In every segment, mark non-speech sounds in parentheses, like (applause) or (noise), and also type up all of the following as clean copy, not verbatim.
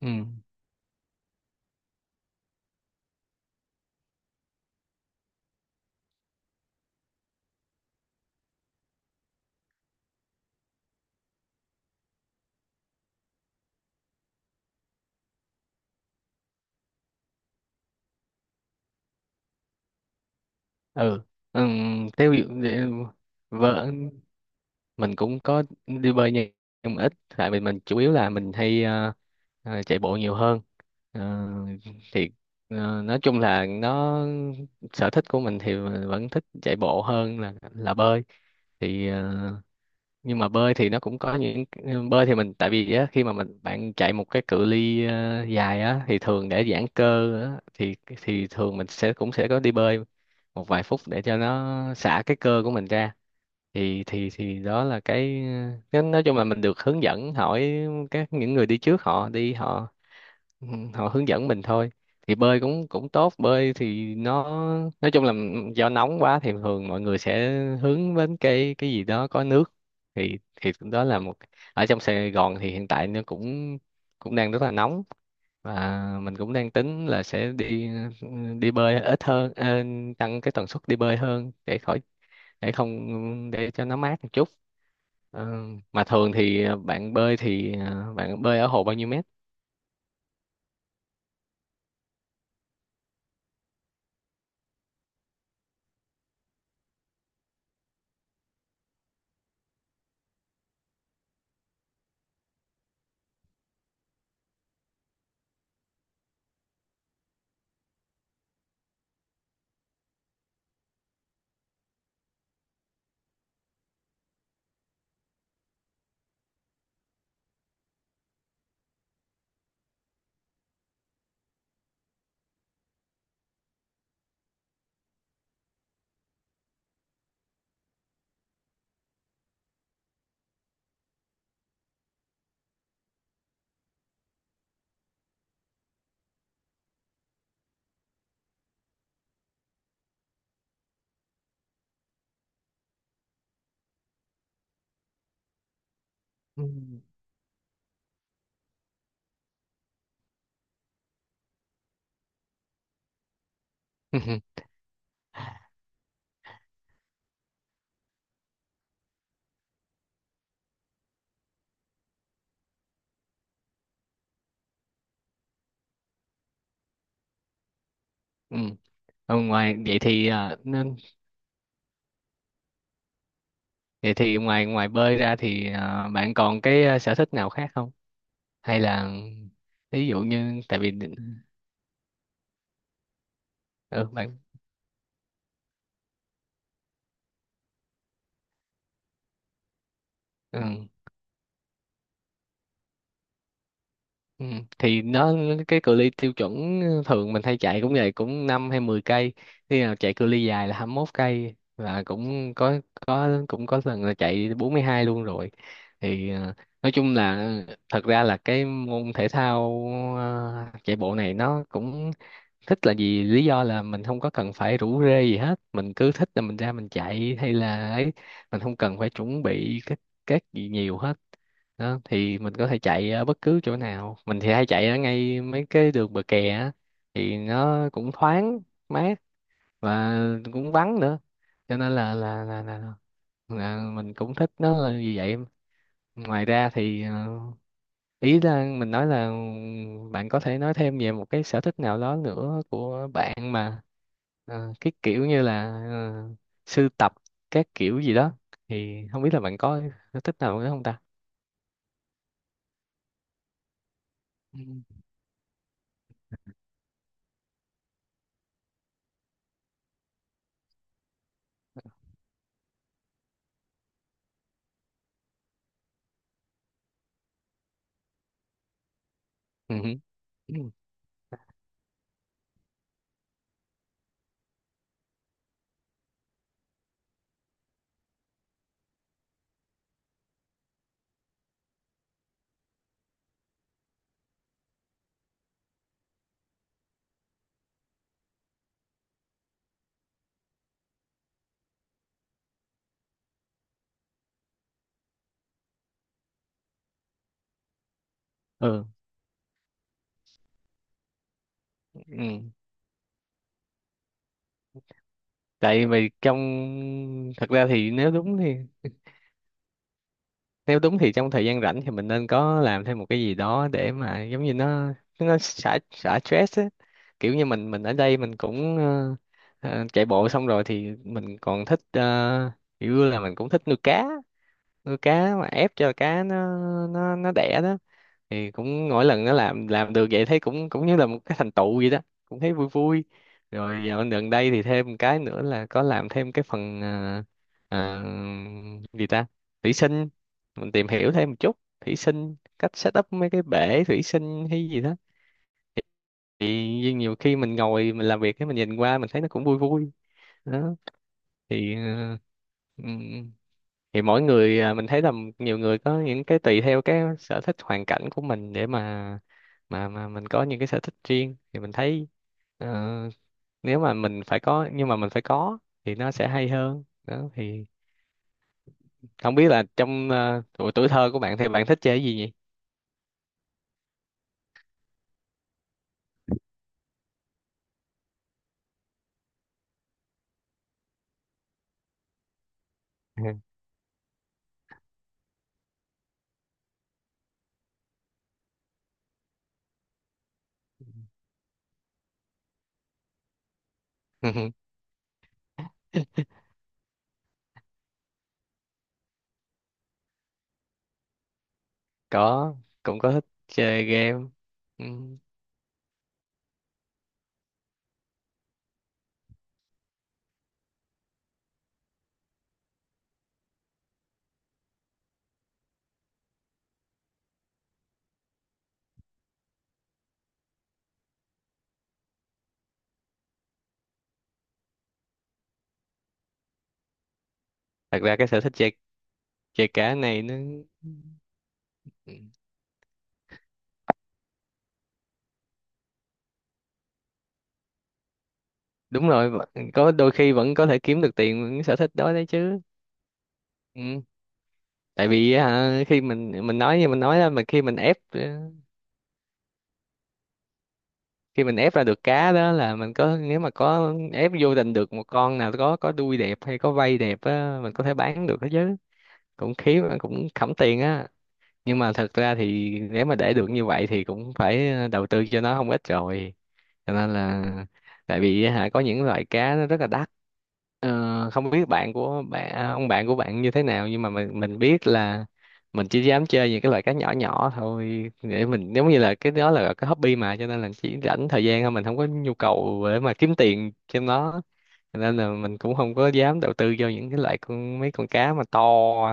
ừ ừ, ừ. theo dụ- để- Vợ mình cũng có đi bơi nhưng mà ít, tại vì mình chủ yếu là mình hay chạy bộ nhiều hơn. Ờ, thì nói chung là nó, sở thích của mình thì vẫn thích chạy bộ hơn là bơi. thì ờ, nhưng mà bơi thì nó cũng có những, bơi thì mình tại vì á, khi mà mình bạn chạy một cái cự ly dài á thì thường để giãn cơ á, thì thường mình sẽ cũng sẽ có đi bơi một vài phút để cho nó xả cái cơ của mình ra. Thì đó là cái, nói chung là mình được hướng dẫn hỏi các những người đi trước họ đi họ, ừ, họ hướng dẫn mình thôi. Thì bơi cũng cũng tốt, bơi thì nó nói chung là do nóng quá thì thường mọi người sẽ hướng đến cái gì đó có nước. Thì đó là một, ở trong Sài Gòn thì hiện tại nó cũng cũng đang rất là nóng, và mình cũng đang tính là sẽ đi, đi bơi ít hơn, tăng cái tần suất đi bơi hơn để khỏi, để không, để cho nó mát một chút. Ờ, mà thường thì bạn bơi thì bạn bơi ở hồ bao nhiêu mét? Ừ. (laughs) Ừ. Ờ, ngoài vậy thì à, nên Vậy thì ngoài ngoài bơi ra thì à, bạn còn cái à, sở thích nào khác không? Hay là ví dụ như, tại vì, ừ, bạn, ừ, ừ, thì nó cái cự ly tiêu chuẩn thường mình hay chạy cũng vậy, cũng 5 hay 10 cây. Khi nào chạy cự ly dài là 21 cây, và cũng có cũng có lần là chạy 42 luôn rồi. Thì à, nói chung là thật ra là cái môn thể thao à, chạy bộ này nó cũng thích là gì, lý do là mình không có cần phải rủ rê gì hết, mình cứ thích là mình ra mình chạy hay là ấy, mình không cần phải chuẩn bị các gì nhiều hết đó. Thì mình có thể chạy ở bất cứ chỗ nào, mình thì hay chạy ở ngay mấy cái đường bờ kè á, thì nó cũng thoáng mát, và cũng vắng nữa, cho nên là mình cũng thích nó là như vậy. Ngoài ra thì ý là mình nói là bạn có thể nói thêm về một cái sở thích nào đó nữa của bạn, mà cái kiểu như là sưu tập các kiểu gì đó. Thì không biết là bạn có sở thích nào nữa không ta. Ừ. Ừ. Ừ. Ừ. Tại vì trong, thật ra thì nếu đúng thì, nếu đúng thì trong thời gian rảnh thì mình nên có làm thêm một cái gì đó để mà giống như nó xả xả stress á. Kiểu như mình ở đây mình cũng chạy bộ xong rồi thì mình còn thích kiểu là mình cũng thích nuôi cá. Nuôi cá mà ép cho cá nó, nó đẻ đó, thì cũng mỗi lần nó làm được vậy thấy cũng cũng như là một cái thành tựu vậy đó, cũng thấy vui vui. Rồi dạo gần đây thì thêm một cái nữa là có làm thêm cái phần à, à, gì ta, thủy sinh. Mình tìm hiểu thêm một chút thủy sinh, cách set up mấy cái bể thủy sinh hay gì đó. Thì nhiều khi mình ngồi mình làm việc cái mình nhìn qua mình thấy nó cũng vui vui đó. Thì uh, thì mỗi người à, mình thấy là nhiều người có những cái tùy theo cái sở thích hoàn cảnh của mình để mà mà mình có những cái sở thích riêng thì mình thấy ờ, nếu mà mình phải có, nhưng mà mình phải có thì nó sẽ hay hơn đó. Thì không biết là trong tuổi tuổi thơ của bạn thì bạn thích chơi cái gì nhỉ? (laughs) Có, cũng có thích chơi game. Ừ. Thật ra cái sở thích chơi, chơi cá này nó, ừ. Đúng rồi, có đôi khi vẫn có thể kiếm được tiền với cái sở thích đó đấy chứ. Ừ. Tại vì hả, khi mình nói như mình nói đó, mà khi mình ép khi mình ép ra được cá đó là mình có, nếu mà có ép vô tình được một con nào có đuôi đẹp hay có vây đẹp á, mình có thể bán được đó chứ, cũng khí cũng khẩm tiền á. Nhưng mà thật ra thì nếu mà để được như vậy thì cũng phải đầu tư cho nó không ít rồi, cho nên là, tại vì hả có những loại cá nó rất là đắt. Ờ, không biết bạn của bạn, ông bạn của bạn như thế nào, nhưng mà mình biết là mình chỉ dám chơi những cái loại cá nhỏ nhỏ thôi, để mình giống như là cái đó là cái hobby mà, cho nên là chỉ rảnh thời gian thôi, mình không có nhu cầu để mà kiếm tiền trên nó. Nên là mình cũng không có dám đầu tư vô những cái loại con, mấy con cá mà to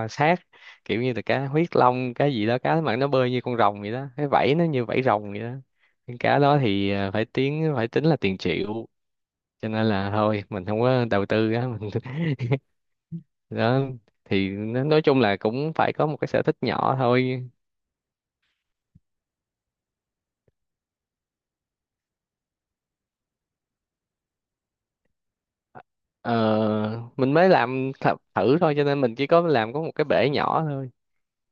sát, kiểu như là cá huyết long, cá gì đó, cá mà nó bơi như con rồng vậy đó, cái vảy nó như vảy rồng vậy đó. Những cá đó thì à, phải tiếng phải tính là tiền triệu, cho nên là thôi mình không có đầu tư á. (laughs) Mình đó thì nói chung là cũng phải có một cái sở thích nhỏ thôi. Ờ, mình mới làm thử thôi, cho nên mình chỉ có làm có một cái bể nhỏ thôi,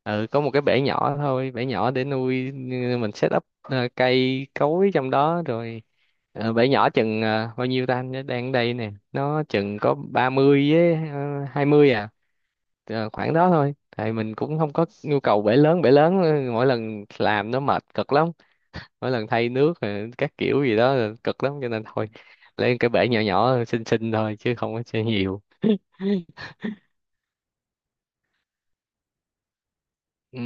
ừ, có một cái bể nhỏ thôi, bể nhỏ để nuôi. Mình set up cây cối trong đó rồi. Ờ, bể nhỏ chừng bao nhiêu ta, anh nhớ đang ở đây nè, nó chừng có 30 với 20 à. Ờ, khoảng đó thôi, tại mình cũng không có nhu cầu bể lớn, bể lớn mỗi lần làm nó mệt cực lắm, mỗi lần thay nước rồi các kiểu gì đó là cực lắm, cho nên thôi lấy cái bể nhỏ nhỏ xinh xinh thôi chứ không có chơi nhiều. Ừ.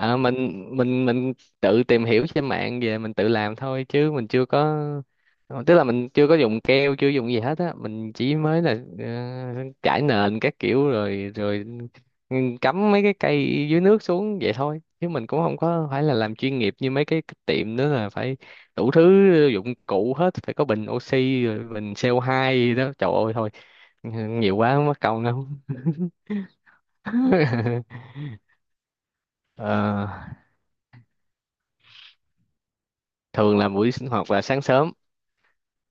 Ờ, mình tự tìm hiểu trên mạng về, mình tự làm thôi chứ mình chưa có, tức là mình chưa có dùng keo, chưa dùng gì hết á, mình chỉ mới là trải nền các kiểu rồi, cắm mấy cái cây dưới nước xuống vậy thôi, chứ mình cũng không có phải là làm chuyên nghiệp như mấy cái tiệm nữa là phải đủ thứ dụng cụ hết, phải có bình oxy rồi bình CO2 gì đó, trời ơi thôi nhiều quá mất công lắm. (laughs) Ờ, thường là buổi sinh hoạt là sáng sớm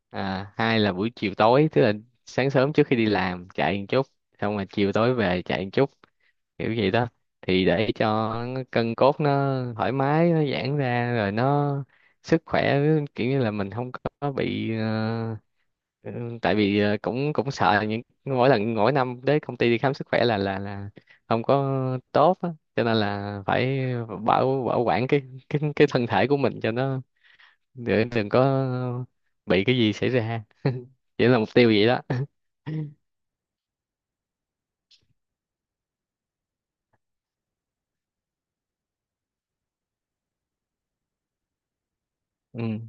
à, hai là buổi chiều tối, tức là sáng sớm trước khi đi làm chạy một chút, xong rồi chiều tối về chạy một chút, kiểu gì đó. Thì để cho cân cốt nó thoải mái, nó giãn ra, rồi nó sức khỏe, kiểu như là mình không có bị ừ, tại vì cũng cũng sợ những, mỗi lần mỗi năm đến công ty đi khám sức khỏe là không có tốt á, cho nên là phải bảo bảo quản cái cái thân thể của mình cho nó, để đừng có bị cái gì xảy ra. (laughs) Chỉ là mục tiêu vậy đó. Ừ.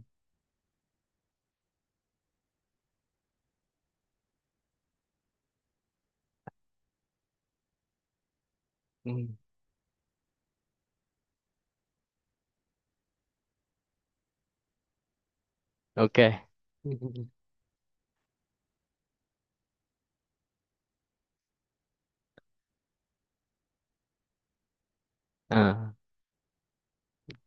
Ừ. Ok. (laughs) À.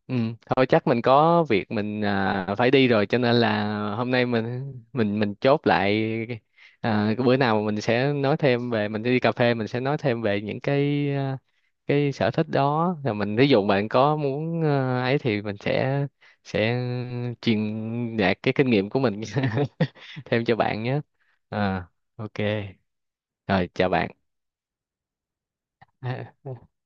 Ừ, thôi chắc mình có việc mình à, phải đi rồi, cho nên là hôm nay mình chốt lại à, cái bữa nào mình sẽ nói thêm về, mình đi cà phê mình sẽ nói thêm về những cái à, cái sở thích đó rồi mình, ví dụ bạn có muốn à, ấy thì mình sẽ truyền đạt cái kinh nghiệm của mình (laughs) thêm cho bạn nhé. À, ok. Rồi, chào bạn. (laughs)